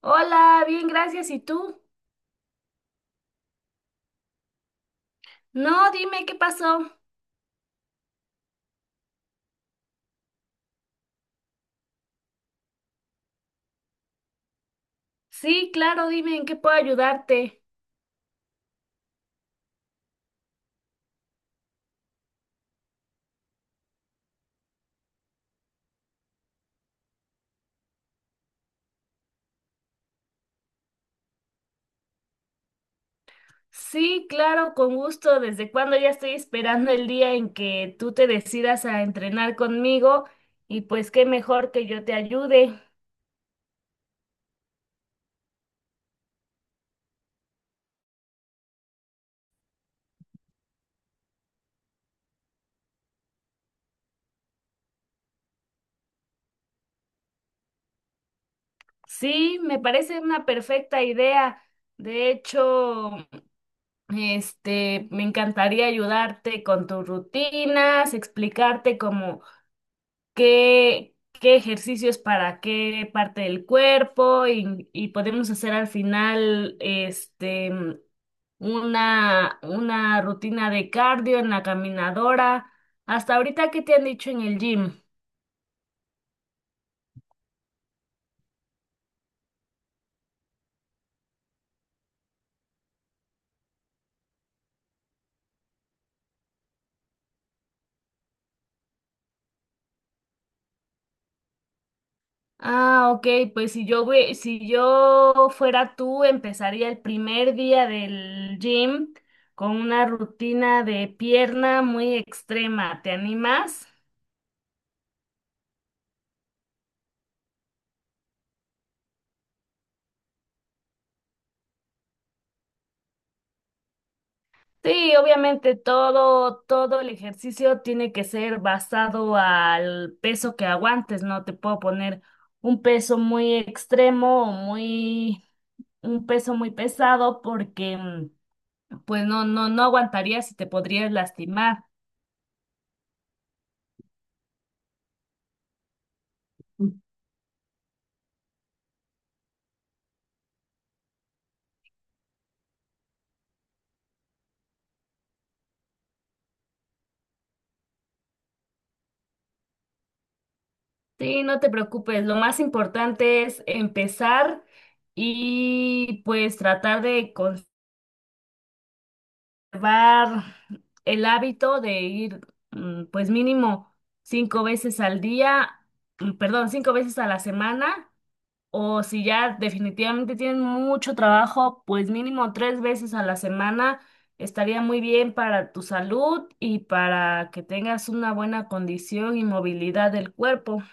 Hola, bien, gracias. ¿Y tú? No, dime qué pasó. Sí, claro, dime en qué puedo ayudarte. Sí, claro, con gusto. Desde cuándo ya estoy esperando el día en que tú te decidas a entrenar conmigo y pues qué mejor que yo te ayude. Sí, me parece una perfecta idea. De hecho, me encantaría ayudarte con tus rutinas, explicarte cómo qué, qué ejercicios para qué parte del cuerpo y podemos hacer al final una rutina de cardio en la caminadora. Hasta ahorita, ¿qué te han dicho en el gym? Ah, ok, pues si yo, si yo fuera tú, empezaría el primer día del gym con una rutina de pierna muy extrema. ¿Te animas? Sí, obviamente todo el ejercicio tiene que ser basado al peso que aguantes, no te puedo poner un peso muy extremo o muy, un peso muy pesado porque pues no aguantarías y te podrías lastimar. Sí, no te preocupes, lo más importante es empezar y pues tratar de llevar el hábito de ir, pues mínimo 5 veces al día, perdón, 5 veces a la semana, o si ya definitivamente tienen mucho trabajo, pues mínimo 3 veces a la semana estaría muy bien para tu salud y para que tengas una buena condición y movilidad del cuerpo.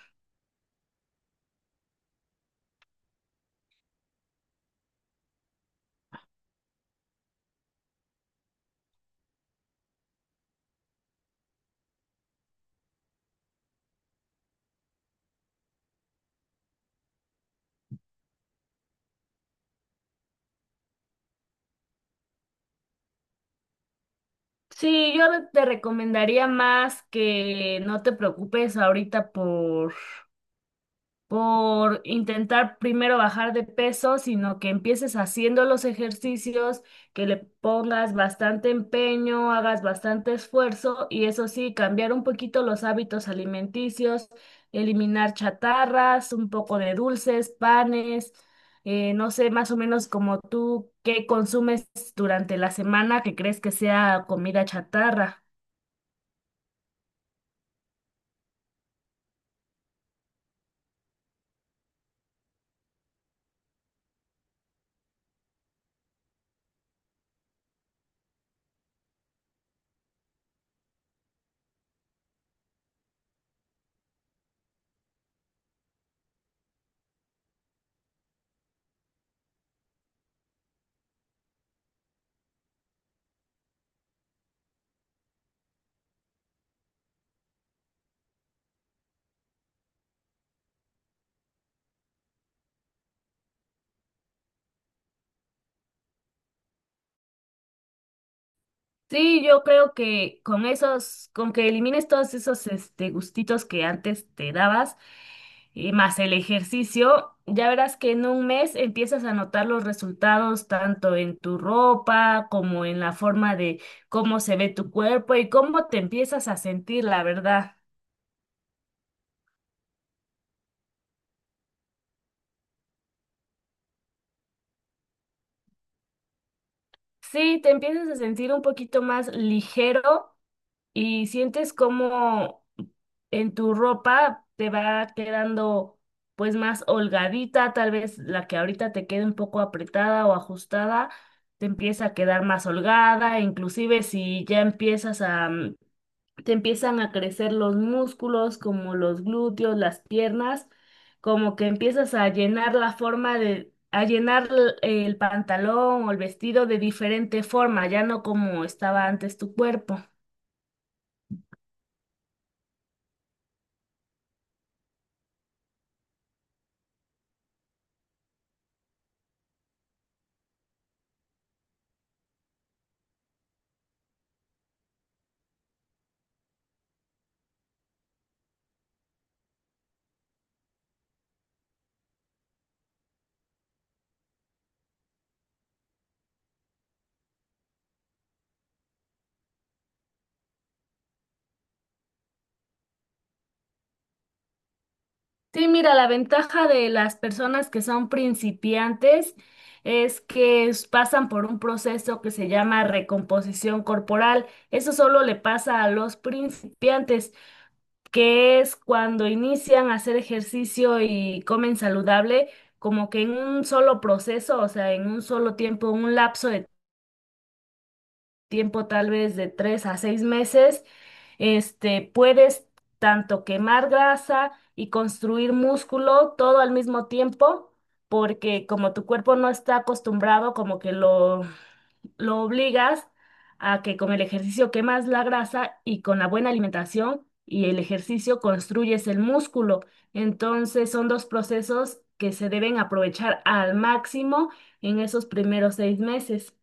Sí, yo te recomendaría más que no te preocupes ahorita por intentar primero bajar de peso, sino que empieces haciendo los ejercicios, que le pongas bastante empeño, hagas bastante esfuerzo y eso sí, cambiar un poquito los hábitos alimenticios, eliminar chatarras, un poco de dulces, panes, no sé, más o menos como tú, ¿qué consumes durante la semana que crees que sea comida chatarra? Sí, yo creo que con esos, con que elimines todos esos gustitos que antes te dabas, y más el ejercicio, ya verás que en un mes empiezas a notar los resultados tanto en tu ropa como en la forma de cómo se ve tu cuerpo y cómo te empiezas a sentir, la verdad. Sí, te empiezas a sentir un poquito más ligero y sientes como en tu ropa te va quedando pues más holgadita, tal vez la que ahorita te quede un poco apretada o ajustada, te empieza a quedar más holgada, inclusive si ya empiezas a, te empiezan a crecer los músculos como los glúteos, las piernas, como que empiezas a llenar la forma de a llenar el pantalón o el vestido de diferente forma, ya no como estaba antes tu cuerpo. Sí, mira, la ventaja de las personas que son principiantes es que pasan por un proceso que se llama recomposición corporal. Eso solo le pasa a los principiantes, que es cuando inician a hacer ejercicio y comen saludable, como que en un solo proceso, o sea, en un solo tiempo, un lapso de tiempo tal vez de 3 a 6 meses, puedes tanto quemar grasa y construir músculo todo al mismo tiempo, porque como tu cuerpo no está acostumbrado, como que lo obligas a que con el ejercicio quemas la grasa y con la buena alimentación y el ejercicio construyes el músculo. Entonces son dos procesos que se deben aprovechar al máximo en esos primeros 6 meses.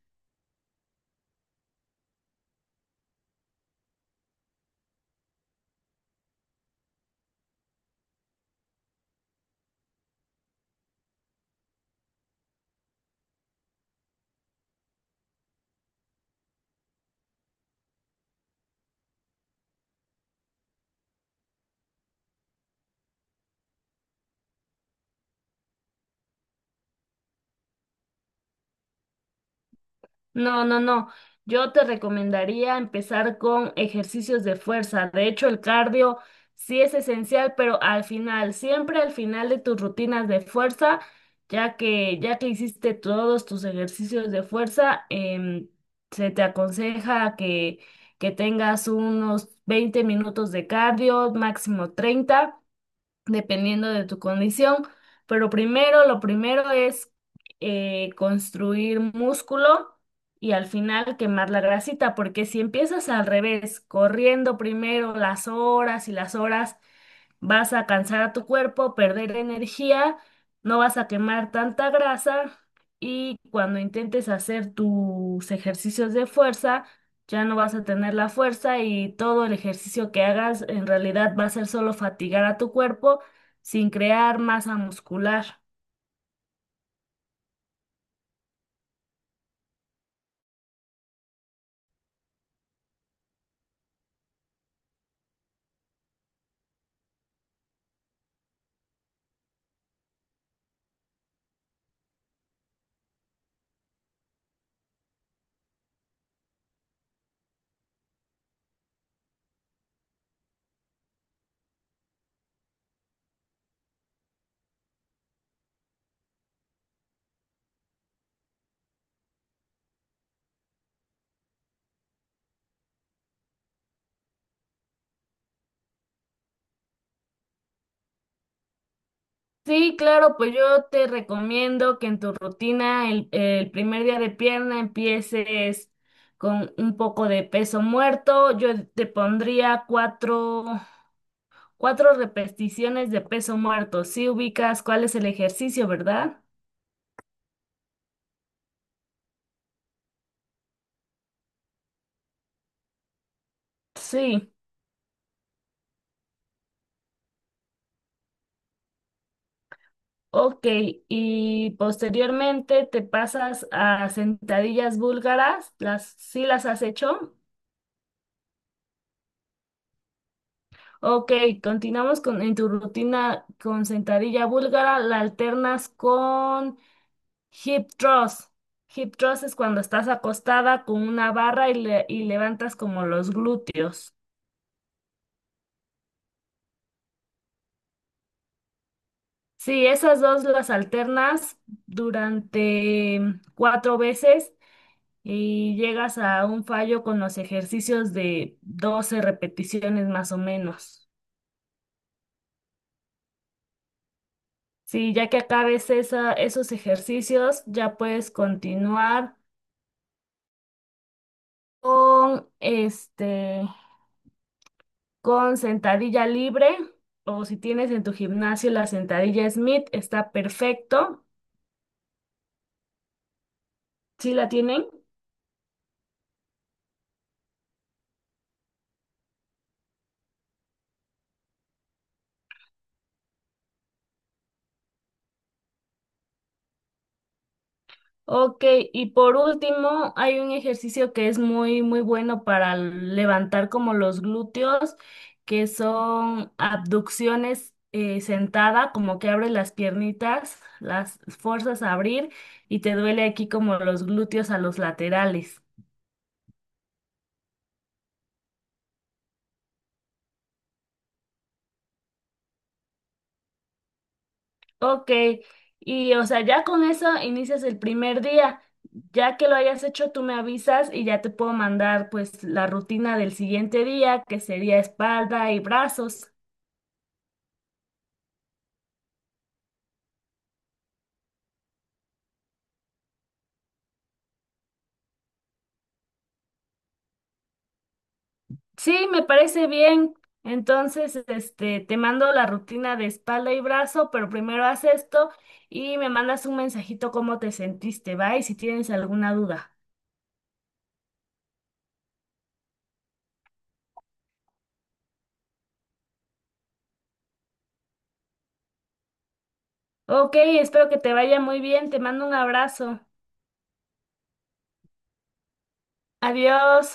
No, no, no. Yo te recomendaría empezar con ejercicios de fuerza. De hecho, el cardio sí es esencial, pero al final, siempre al final de tus rutinas de fuerza, ya que hiciste todos tus ejercicios de fuerza, se te aconseja que tengas unos 20 minutos de cardio, máximo 30 dependiendo de tu condición. Pero primero, lo primero es construir músculo y al final quemar la grasita, porque si empiezas al revés, corriendo primero las horas y las horas, vas a cansar a tu cuerpo, perder energía, no vas a quemar tanta grasa y cuando intentes hacer tus ejercicios de fuerza, ya no vas a tener la fuerza y todo el ejercicio que hagas en realidad va a ser solo fatigar a tu cuerpo sin crear masa muscular. Sí, claro, pues yo te recomiendo que en tu rutina el primer día de pierna empieces con un poco de peso muerto. Yo te pondría cuatro 4 repeticiones de peso muerto. Sí ubicas cuál es el ejercicio, ¿verdad? Sí. Ok. Y posteriormente te pasas a sentadillas búlgaras. Sí las has hecho? Ok. Continuamos con, en tu rutina con sentadilla búlgara. La alternas con hip thrust. Hip thrust es cuando estás acostada con una barra y, y levantas como los glúteos. Sí, esas dos las alternas durante 4 veces y llegas a un fallo con los ejercicios de 12 repeticiones más o menos. Sí, ya que acabes esa, esos ejercicios, ya puedes continuar con con sentadilla libre o si tienes en tu gimnasio la sentadilla Smith, está perfecto. ¿Sí la tienen? Ok, y por último, hay un ejercicio que es muy, muy bueno para levantar como los glúteos, que son abducciones sentada, como que abres las piernitas, las fuerzas a abrir y te duele aquí como los glúteos a los laterales. Ok, y o sea, ya con eso inicias el primer día. Ya que lo hayas hecho, tú me avisas y ya te puedo mandar pues la rutina del siguiente día, que sería espalda y brazos. Sí, me parece bien. Entonces, te mando la rutina de espalda y brazo, pero primero haz esto y me mandas un mensajito cómo te sentiste, ¿va? Y si tienes alguna duda. Ok, espero que te vaya muy bien. Te mando un abrazo. Adiós.